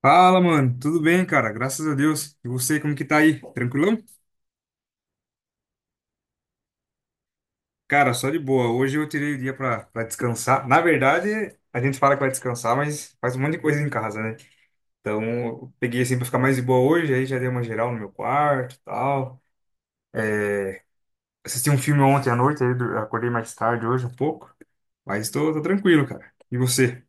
Fala, mano. Tudo bem, cara? Graças a Deus. E você, como que tá aí? Tranquilão? Cara, só de boa. Hoje eu tirei o dia pra descansar. Na verdade, a gente fala que vai descansar, mas faz um monte de coisa em casa, né? Então, eu peguei assim pra ficar mais de boa hoje, aí já dei uma geral no meu quarto e tal. É, Assisti um filme ontem à noite, aí acordei mais tarde hoje um pouco. Mas tô tranquilo, cara. E você?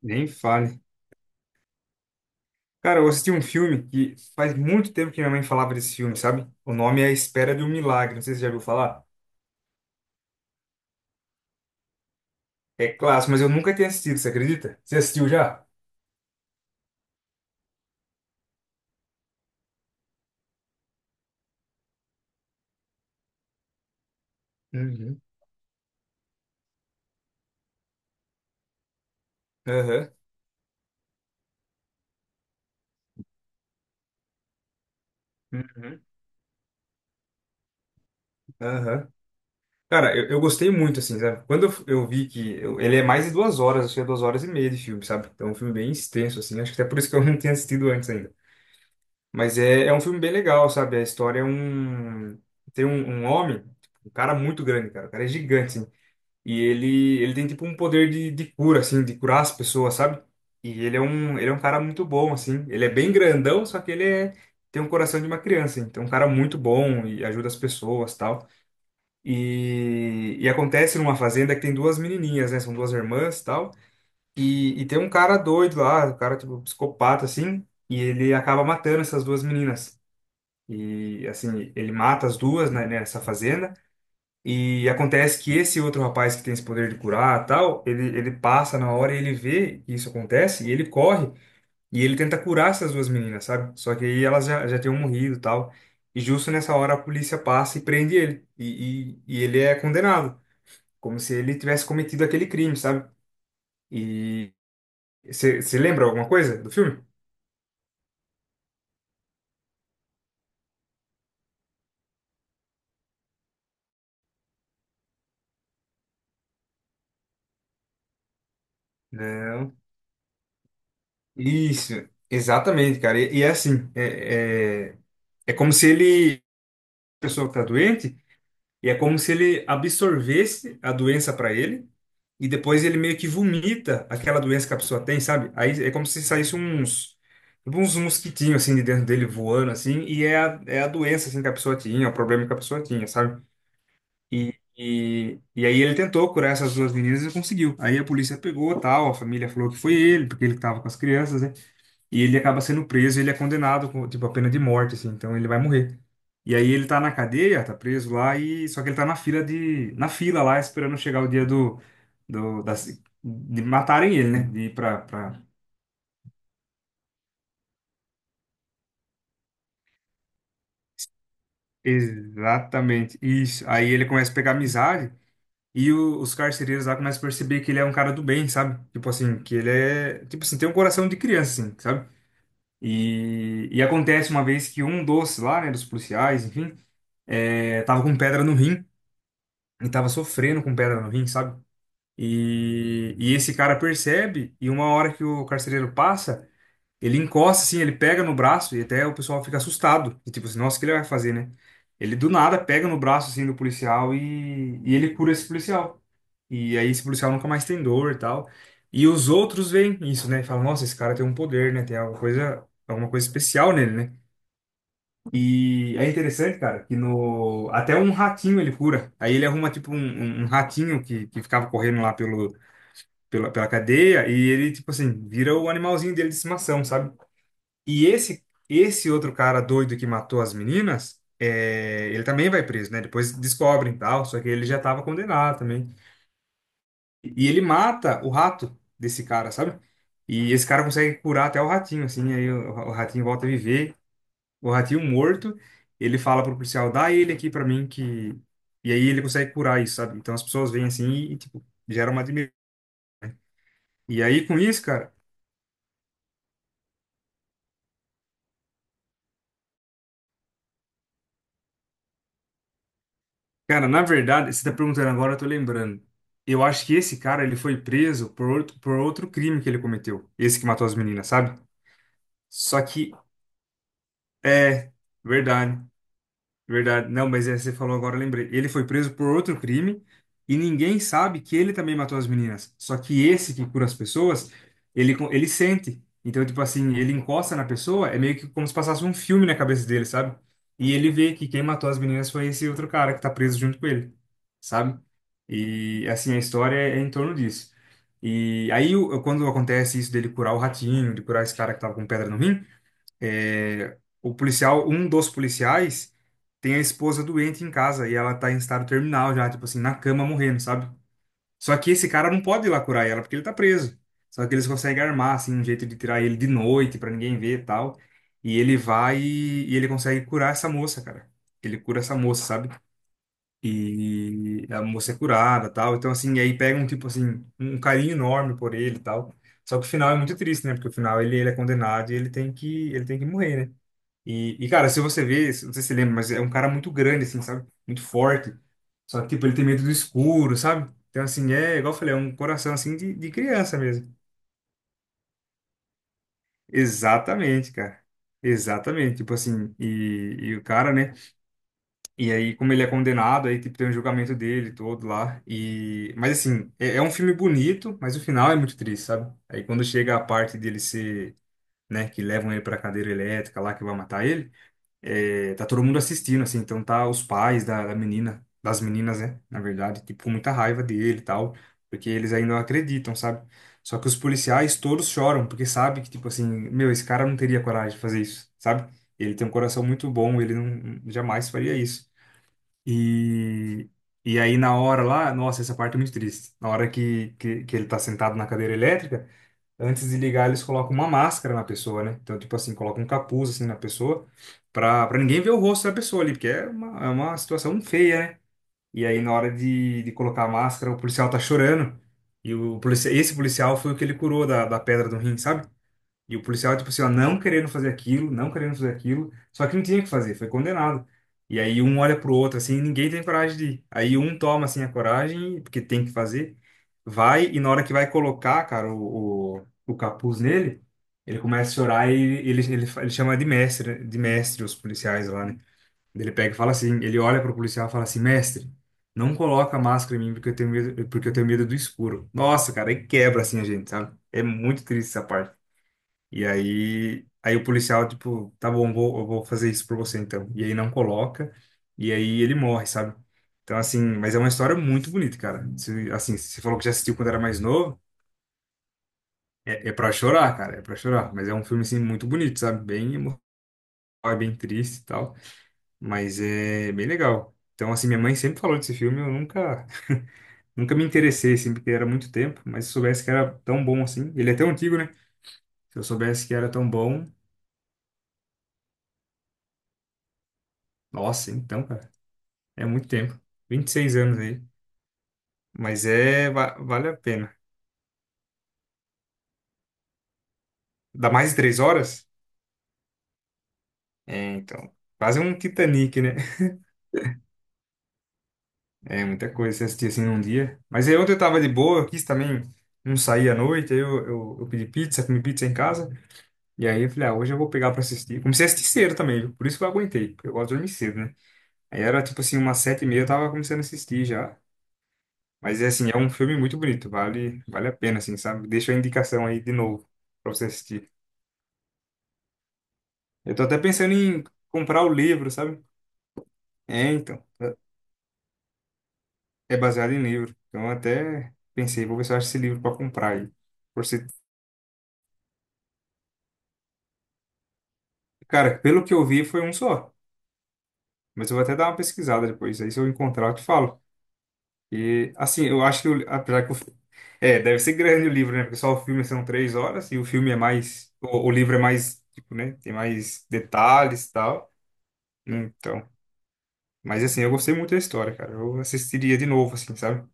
Nem fale. Cara, eu assisti um filme que faz muito tempo que minha mãe falava desse filme, sabe? O nome é A Espera de um Milagre. Não sei se você já viu falar. É clássico, mas eu nunca tinha assistido, você acredita? Você assistiu já? Uhum. Aham. Uhum. Aham. Cara, eu gostei muito, assim, sabe? Quando eu vi que ele é mais de 2 horas, acho que é 2 horas e meia de filme, sabe? Então é um filme bem extenso, assim. Acho que até por isso que eu não tinha assistido antes ainda. Mas é um filme bem legal, sabe? A história é um. Tem um homem, um cara muito grande, cara. O cara é gigante, assim. E ele tem tipo um poder de cura, assim, de curar as pessoas, sabe? E ele é um cara muito bom, assim. Ele é bem grandão, só que ele é, tem um coração de uma criança, hein? Então é um cara muito bom e ajuda as pessoas, tal. E acontece numa fazenda que tem duas menininhas, né? São duas irmãs, tal. E tem um cara doido lá, um cara tipo psicopata, assim. E ele acaba matando essas duas meninas. E assim, ele mata as duas, né, nessa fazenda. E acontece que esse outro rapaz que tem esse poder de curar, tal, ele passa na hora e ele vê que isso acontece e ele corre e ele tenta curar essas duas meninas, sabe? Só que aí elas já tinham morrido, tal. E justo nessa hora a polícia passa e prende ele. E ele é condenado, como se ele tivesse cometido aquele crime, sabe? E você lembra alguma coisa do filme? Não. Isso, exatamente, cara. E é assim, é como se ele, a pessoa que tá doente. E é como se ele absorvesse a doença para ele e depois ele meio que vomita aquela doença que a pessoa tem, sabe? Aí é como se saísse uns tipo uns mosquitinhos assim de dentro dele voando assim e é a, doença assim que a pessoa tinha, o problema que a pessoa tinha, sabe? E aí ele tentou curar essas duas meninas e conseguiu. Aí a polícia pegou, tal, a família falou que foi ele, porque ele estava com as crianças, né? E ele acaba sendo preso, ele é condenado com, tipo, a pena de morte, assim, então ele vai morrer. E aí ele tá na cadeia, tá preso lá, e só que ele tá na na fila lá, esperando chegar o dia do da, de matarem ele, né? De ir pra, pra... Exatamente, isso. Aí ele começa a pegar amizade, e os carcereiros lá começam a perceber que ele é um cara do bem, sabe? Tipo assim, que ele é, tipo assim, tem um coração de criança, assim, sabe? E acontece uma vez que um dos lá, né, dos policiais, enfim, é, tava com pedra no rim, e tava sofrendo com pedra no rim, sabe? E esse cara percebe, e uma hora que o carcereiro passa, ele encosta assim, ele pega no braço, e até o pessoal fica assustado. E tipo assim, nossa, o que ele vai fazer, né? Ele do nada pega no braço assim do policial e ele cura esse policial. E aí esse policial nunca mais tem dor e tal. E os outros veem isso, né? E falam, nossa, esse cara tem um poder, né? Tem alguma coisa especial nele, né? E é interessante, cara, que no até um ratinho ele cura. Aí ele arruma tipo um ratinho que ficava correndo lá pela cadeia e ele tipo assim, vira o animalzinho dele de estimação, sabe? E esse outro cara doido que matou as meninas, é, ele também vai preso, né? Depois descobrem e tal, só que ele já estava condenado também. E ele mata o rato desse cara, sabe? E esse cara consegue curar até o ratinho, assim, aí o ratinho volta a viver o ratinho morto, ele fala pro policial, dá ele aqui pra mim que... E aí ele consegue curar isso, sabe? Então as pessoas vêm assim e, tipo, gera uma admiração. E aí com isso, cara... Cara, na verdade, você tá perguntando agora, eu tô lembrando. Eu acho que esse cara, ele foi preso por outro crime que ele cometeu. Esse que matou as meninas, sabe? Só que, é, verdade. Verdade. Não, mas é, você falou agora, eu lembrei. Ele foi preso por outro crime e ninguém sabe que ele também matou as meninas. Só que esse que cura as pessoas, ele sente. Então, tipo assim, ele encosta na pessoa, é meio que como se passasse um filme na cabeça dele, sabe? E ele vê que quem matou as meninas foi esse outro cara que tá preso junto com ele, sabe? E assim, a história é em torno disso. E aí, quando acontece isso dele curar o ratinho, de curar esse cara que tava com pedra no rim. O policial, um dos policiais, tem a esposa doente em casa e ela tá em estado terminal já, tipo assim, na cama morrendo, sabe? Só que esse cara não pode ir lá curar ela porque ele tá preso. Só que eles conseguem armar, assim, um jeito de tirar ele de noite pra ninguém ver e tal. E ele vai e ele consegue curar essa moça, cara. Ele cura essa moça, sabe? E a moça é curada, tal. Então, assim, aí pega um tipo assim, um carinho enorme por ele, e tal. Só que o final é muito triste, né? Porque o final ele é condenado e ele tem que morrer, né? E, cara, se você vê, não sei se você lembra, mas é um cara muito grande, assim, sabe? Muito forte. Só que, tipo, ele tem medo do escuro, sabe? Então, assim, é, igual eu falei, é um coração, assim, de criança mesmo. Exatamente, cara. Exatamente. Tipo assim, e o cara, né? E aí, como ele é condenado, aí, tipo, tem o julgamento dele todo lá. E... Mas, assim, é um filme bonito, mas o final é muito triste, sabe? Aí, quando chega a parte dele ser, né, que levam ele pra cadeira elétrica lá, que vai matar ele. É, tá todo mundo assistindo, assim, então tá os pais da menina, das meninas, né, na verdade, tipo, com muita raiva dele e tal, porque eles ainda acreditam, sabe? Só que os policiais todos choram, porque sabe que, tipo assim, meu, esse cara não teria coragem de fazer isso, sabe? Ele tem um coração muito bom, ele não jamais faria isso. E, e aí na hora lá, nossa, essa parte é muito triste. Na hora que ele tá sentado na cadeira elétrica, antes de ligar, eles colocam uma máscara na pessoa, né? Então, tipo assim, colocam um capuz assim na pessoa pra ninguém ver o rosto da pessoa ali, porque é uma situação feia, né? E aí, na hora de colocar a máscara, o policial tá chorando. E esse policial foi o que ele curou da pedra do rim, sabe? E o policial, tipo assim, ó, não querendo fazer aquilo, não querendo fazer aquilo, só que não tinha o que fazer, foi condenado. E aí um olha pro outro, assim, e ninguém tem coragem de ir. Aí um toma, assim, a coragem, porque tem que fazer, vai, e na hora que vai colocar, cara, o capuz nele, ele começa a chorar e ele chama de mestre, né? De mestre os policiais lá, né? Ele pega e fala assim, ele olha pro policial e fala assim, mestre, não coloca a máscara em mim porque eu tenho medo, porque eu tenho medo do escuro. Nossa, cara, aí quebra, assim, a gente, sabe? É muito triste essa parte. E aí o policial, tipo, tá bom, eu vou fazer isso por você então. E aí não coloca, e aí ele morre, sabe? Então, assim, mas é uma história muito bonita, cara. Se, assim, você falou que já assistiu quando era mais novo, é pra chorar, cara, é pra chorar. Mas é um filme, assim, muito bonito, sabe? Bem emocional, é bem triste e tal, mas é bem legal. Então, assim, minha mãe sempre falou desse filme, eu nunca, nunca me interessei, assim, porque era muito tempo, mas se eu soubesse que era tão bom assim, ele é tão antigo, né? Se eu soubesse que era tão bom, nossa, então, cara. É muito tempo. 26 anos aí. Mas vale a pena. Dá mais de 3 horas? É, então. Quase um Titanic, né? É muita coisa você assistir assim num dia. Mas aí ontem eu tava de boa, eu quis também não sair à noite. Aí eu pedi pizza, comi pizza em casa. E aí eu falei, ah, hoje eu vou pegar pra assistir. Comecei a assistir cedo também, viu? Por isso que eu aguentei, porque eu gosto de dormir cedo, né? Aí era tipo assim, umas 7h30 eu tava começando a assistir já. Mas é assim, é um filme muito bonito, vale a pena, assim, sabe? Deixa a indicação aí de novo pra você assistir. Eu tô até pensando em comprar o livro, sabe? É, então. É baseado em livro. Então até pensei, vou ver se eu acho esse livro para comprar aí. Por se... Cara, pelo que eu vi foi um só. Mas eu vou até dar uma pesquisada depois. Aí se eu encontrar, eu te falo. E assim, eu acho que o... apesar que o... é, deve ser grande o livro, né? Porque só o filme são 3 horas e o filme é mais. O livro é mais, tipo, né? Tem mais detalhes e tal. Então. Mas assim, eu gostei muito da história, cara. Eu assistiria de novo, assim, sabe?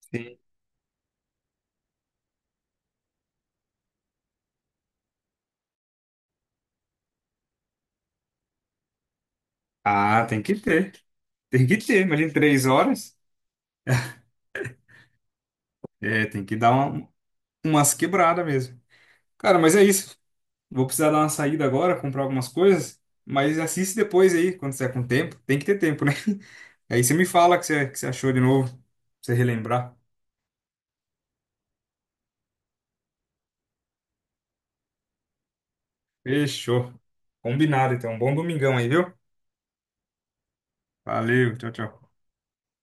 Sim. Ah, tem que ter. Tem que ter, imagina 3 horas. É, tem que dar umas quebradas mesmo. Cara, mas é isso. Vou precisar dar uma saída agora, comprar algumas coisas. Mas assiste depois aí, quando você tiver com tempo. Tem que ter tempo, né? Aí você me fala o que você achou de novo. Pra você relembrar. Fechou. Combinado, então. Bom domingão aí, viu? Valeu, tchau, tchau.